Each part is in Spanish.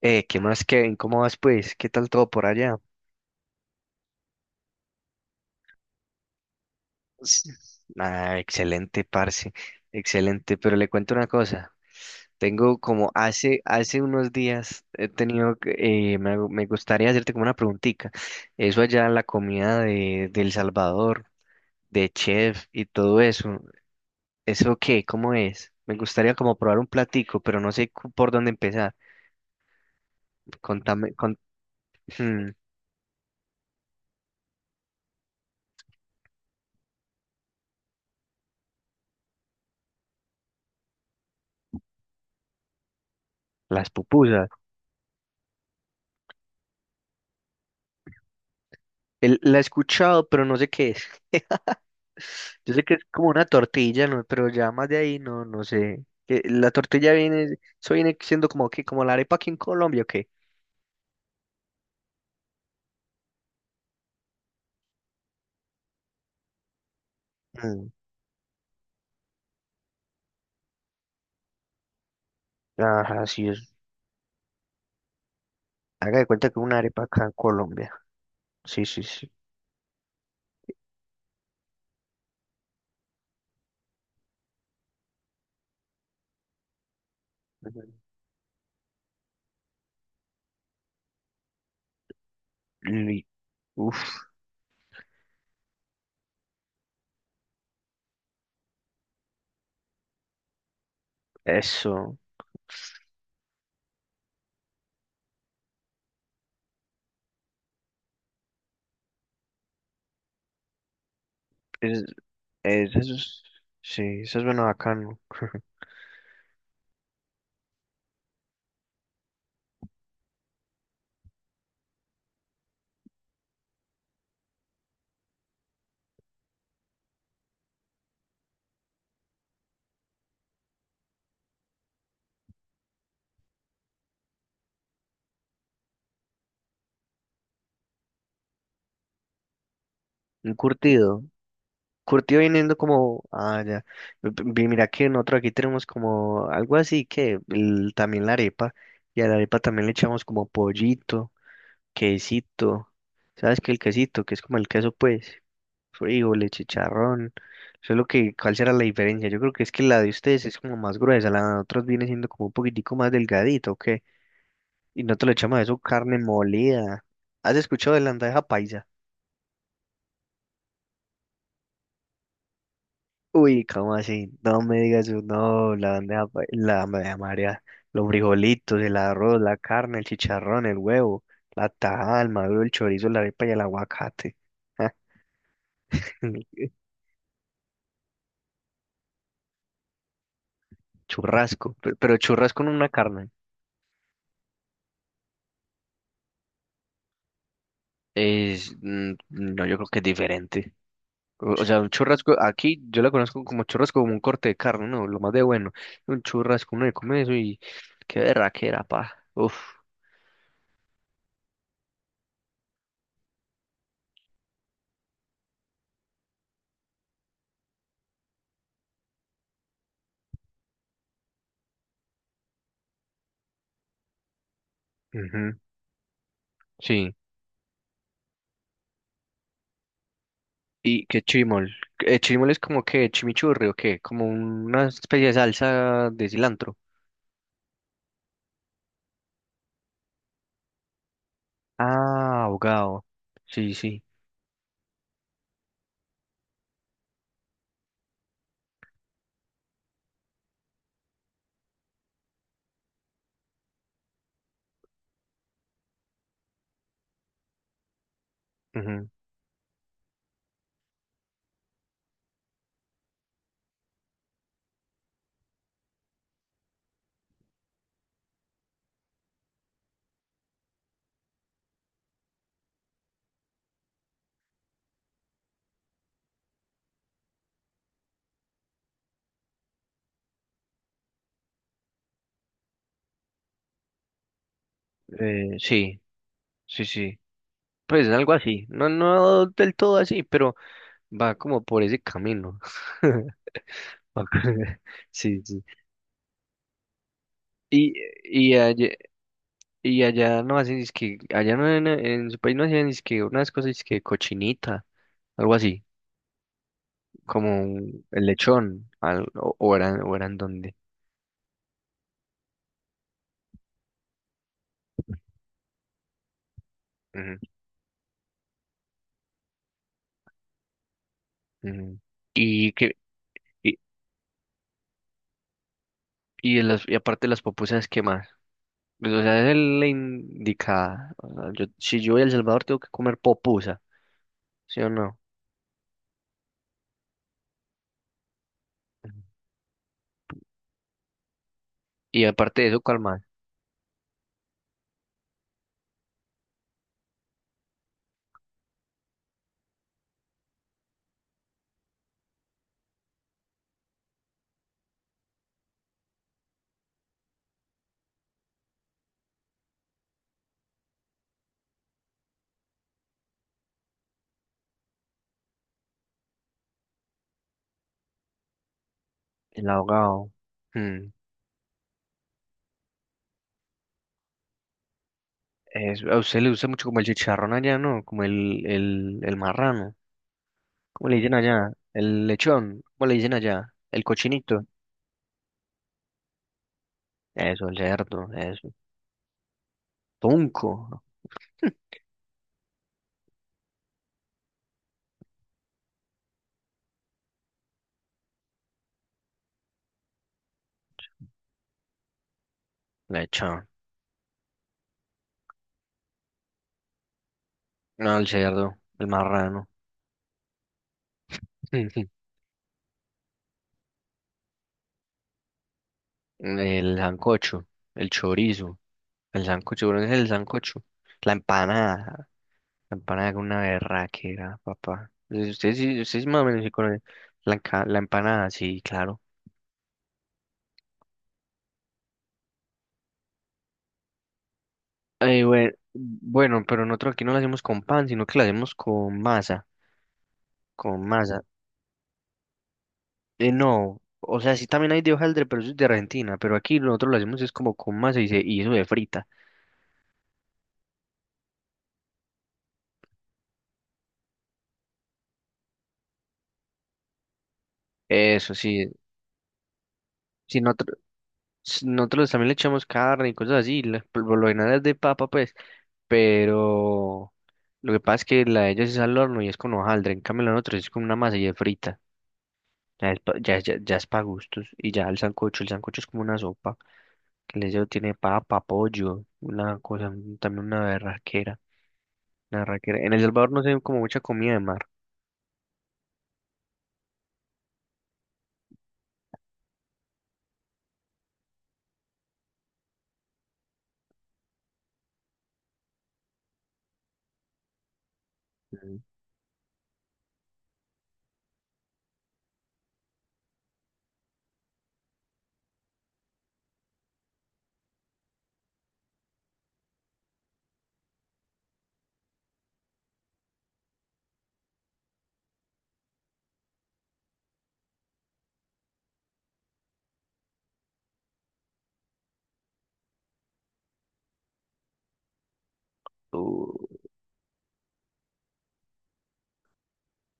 ¿Qué más, Kevin? ¿Cómo vas, pues? ¿Qué tal todo por allá? Sí. Excelente, parce. Excelente. Pero le cuento una cosa. Tengo como hace unos días he tenido, que- me, hago- me gustaría hacerte como una preguntita. Eso allá, la comida de El Salvador, de chef y todo eso. ¿Eso qué? ¿Cómo es? Me gustaría como probar un platico, pero no sé cu- por dónde empezar. Contame, con, hmm, las pupusas. El- la he escuchado, pero no sé qué es. Yo sé que es como una tortilla, ¿no? Pero ya más de ahí no sé. Que la tortilla viene, eso viene siendo como que, como la arepa aquí en Colombia, ¿o qué? Mm, Ajá, sí es. Haga de cuenta que una arepa acá en Colombia. Sí, sí, sí. Ujú. Li- Uf, eso. Es, eso es- sí, eso es bueno bacano. Un curtido. Curtido viniendo como, ah, ya. P- p- Mira que nosotros aquí tenemos como algo así que el- también la arepa, y a la arepa también le echamos como pollito, quesito. ¿Sabes qué? El quesito, que es como el queso, pues. Frijoles, chicharrón. Solo que, ¿cuál será la diferencia? Yo creo que es que la de ustedes es como más gruesa, la de nosotros viene siendo como un poquitico más delgadito, ¿ok? Y no te lo echamos a eso carne molida. ¿Has escuchado de la bandeja paisa? Uy, ¿cómo así? No me digas eso, no, la bandeja paisa, la bandeja María, los frijolitos, el arroz, la carne, el chicharrón, el huevo, la tajada, el maduro, el chorizo, la arepa y el aguacate. Churrasco, pe- pero churrasco en una carne. Es, no, yo creo que es diferente. O sea, un churrasco, aquí yo la conozco como churrasco, como un corte de carne, ¿no? Lo más de bueno. Un churrasco, uno le come eso y qué berraquera, pa. Uf. Ujú, sí. ¿Y qué chimol? ¿El chimol es como que chimichurri o qué? Como una especie de salsa de cilantro. Ah, ahogado. Sí, sí. Ujú, sí, sí, sí. Pues algo así. No, no del todo así, pero va como por ese camino. Sí, sí. Y, allá, y allá no hacen, es que, allá no en, en su país no hacían, es que unas cosas, es que cochinita, algo así, como un- el lechón, al- o eran donde. Ujú, ujú. Y que, y, de las, y aparte de las pupusas, ¿qué más? Pues, o sea, es la indicada. O sea, yo, si yo voy a El Salvador tengo que comer popusa, ¿sí o no? Ujú. Y aparte de eso, ¿cuál más? El ahogado. Mm. Es- a usted le gusta mucho como el chicharrón allá, ¿no? Como el marrano. ¿Cómo le dicen allá? El lechón. ¿Cómo le dicen allá? El cochinito. Eso, el cerdo. Eso. Tunco. Lechón. No, el cerdo. El marrano. El sancocho. El chorizo. El sancocho. No es el sancocho. La empanada. La empanada con una berraquera, papá. Usted sí, ustedes sí más o menos sí conoce la, enca- la empanada, sí, claro. Bue- bueno, pero nosotros aquí no la hacemos con pan, sino que la hacemos con con masa. No, o sea, sí también hay de hojaldre, pero eso es de Argentina, pero aquí nosotros lo hacemos es como con masa y, se, y eso de frita. Eso sí, si nosotros, si nosotros también le echamos carne y cosas así, la- por lo general es de papa, pues, pero lo que pasa es que la de ellos es al horno y es con hojaldre, en cambio la de nosotros es con una masa y de frita. Ya es, pa- ya es para gustos. Y ya el sancocho es como una sopa. Que le llevo- tiene papa, pollo, una cosa, un- también una berraquera. Una berraquera. En El Salvador no se ve como mucha comida de mar. Mm. Uh,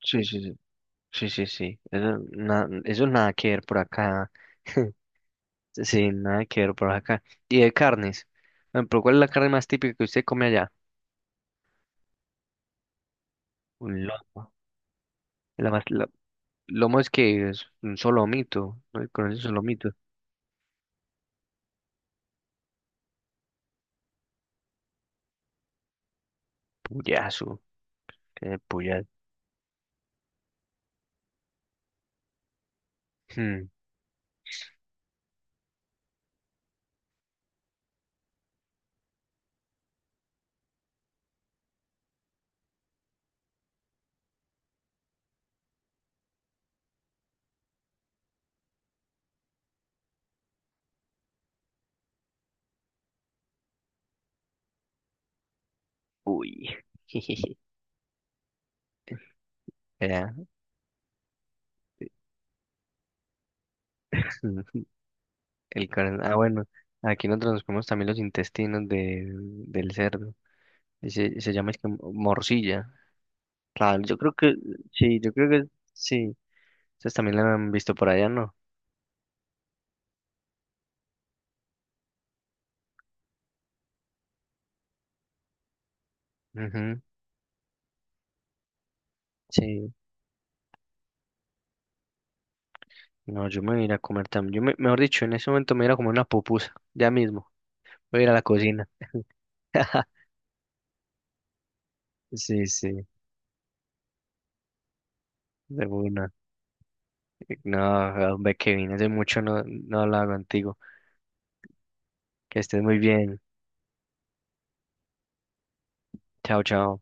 sí, sí, sí. Sí, sí, sí. Eso, na- eso nada que ver por acá. Sí, nada que ver por acá. Y de carnes. Por ejemplo, ¿cuál es la carne más típica que usted come allá? Un lomo. La más, la- lomo es que es un solomito. ¿No? ¿Conoce el solomito? Puyazo. El puyal. Hmm, uy. Era el corazón. Ah, bueno. Aquí nosotros nos comemos también los intestinos de, del cerdo. Y se llama es que morcilla. Claro, yo creo que sí, yo creo que sí. Ustedes también la han visto por allá, ¿no? Ujú, sí. No, yo me voy a ir a comer también. Yo me, mejor dicho, en ese momento me voy a ir a comer una pupusa. Ya mismo. Voy a ir a la cocina. Sí, sí, de una. No, hombre, Kevin, hace mucho no hablaba contigo. Que estés muy bien. Chao, chao.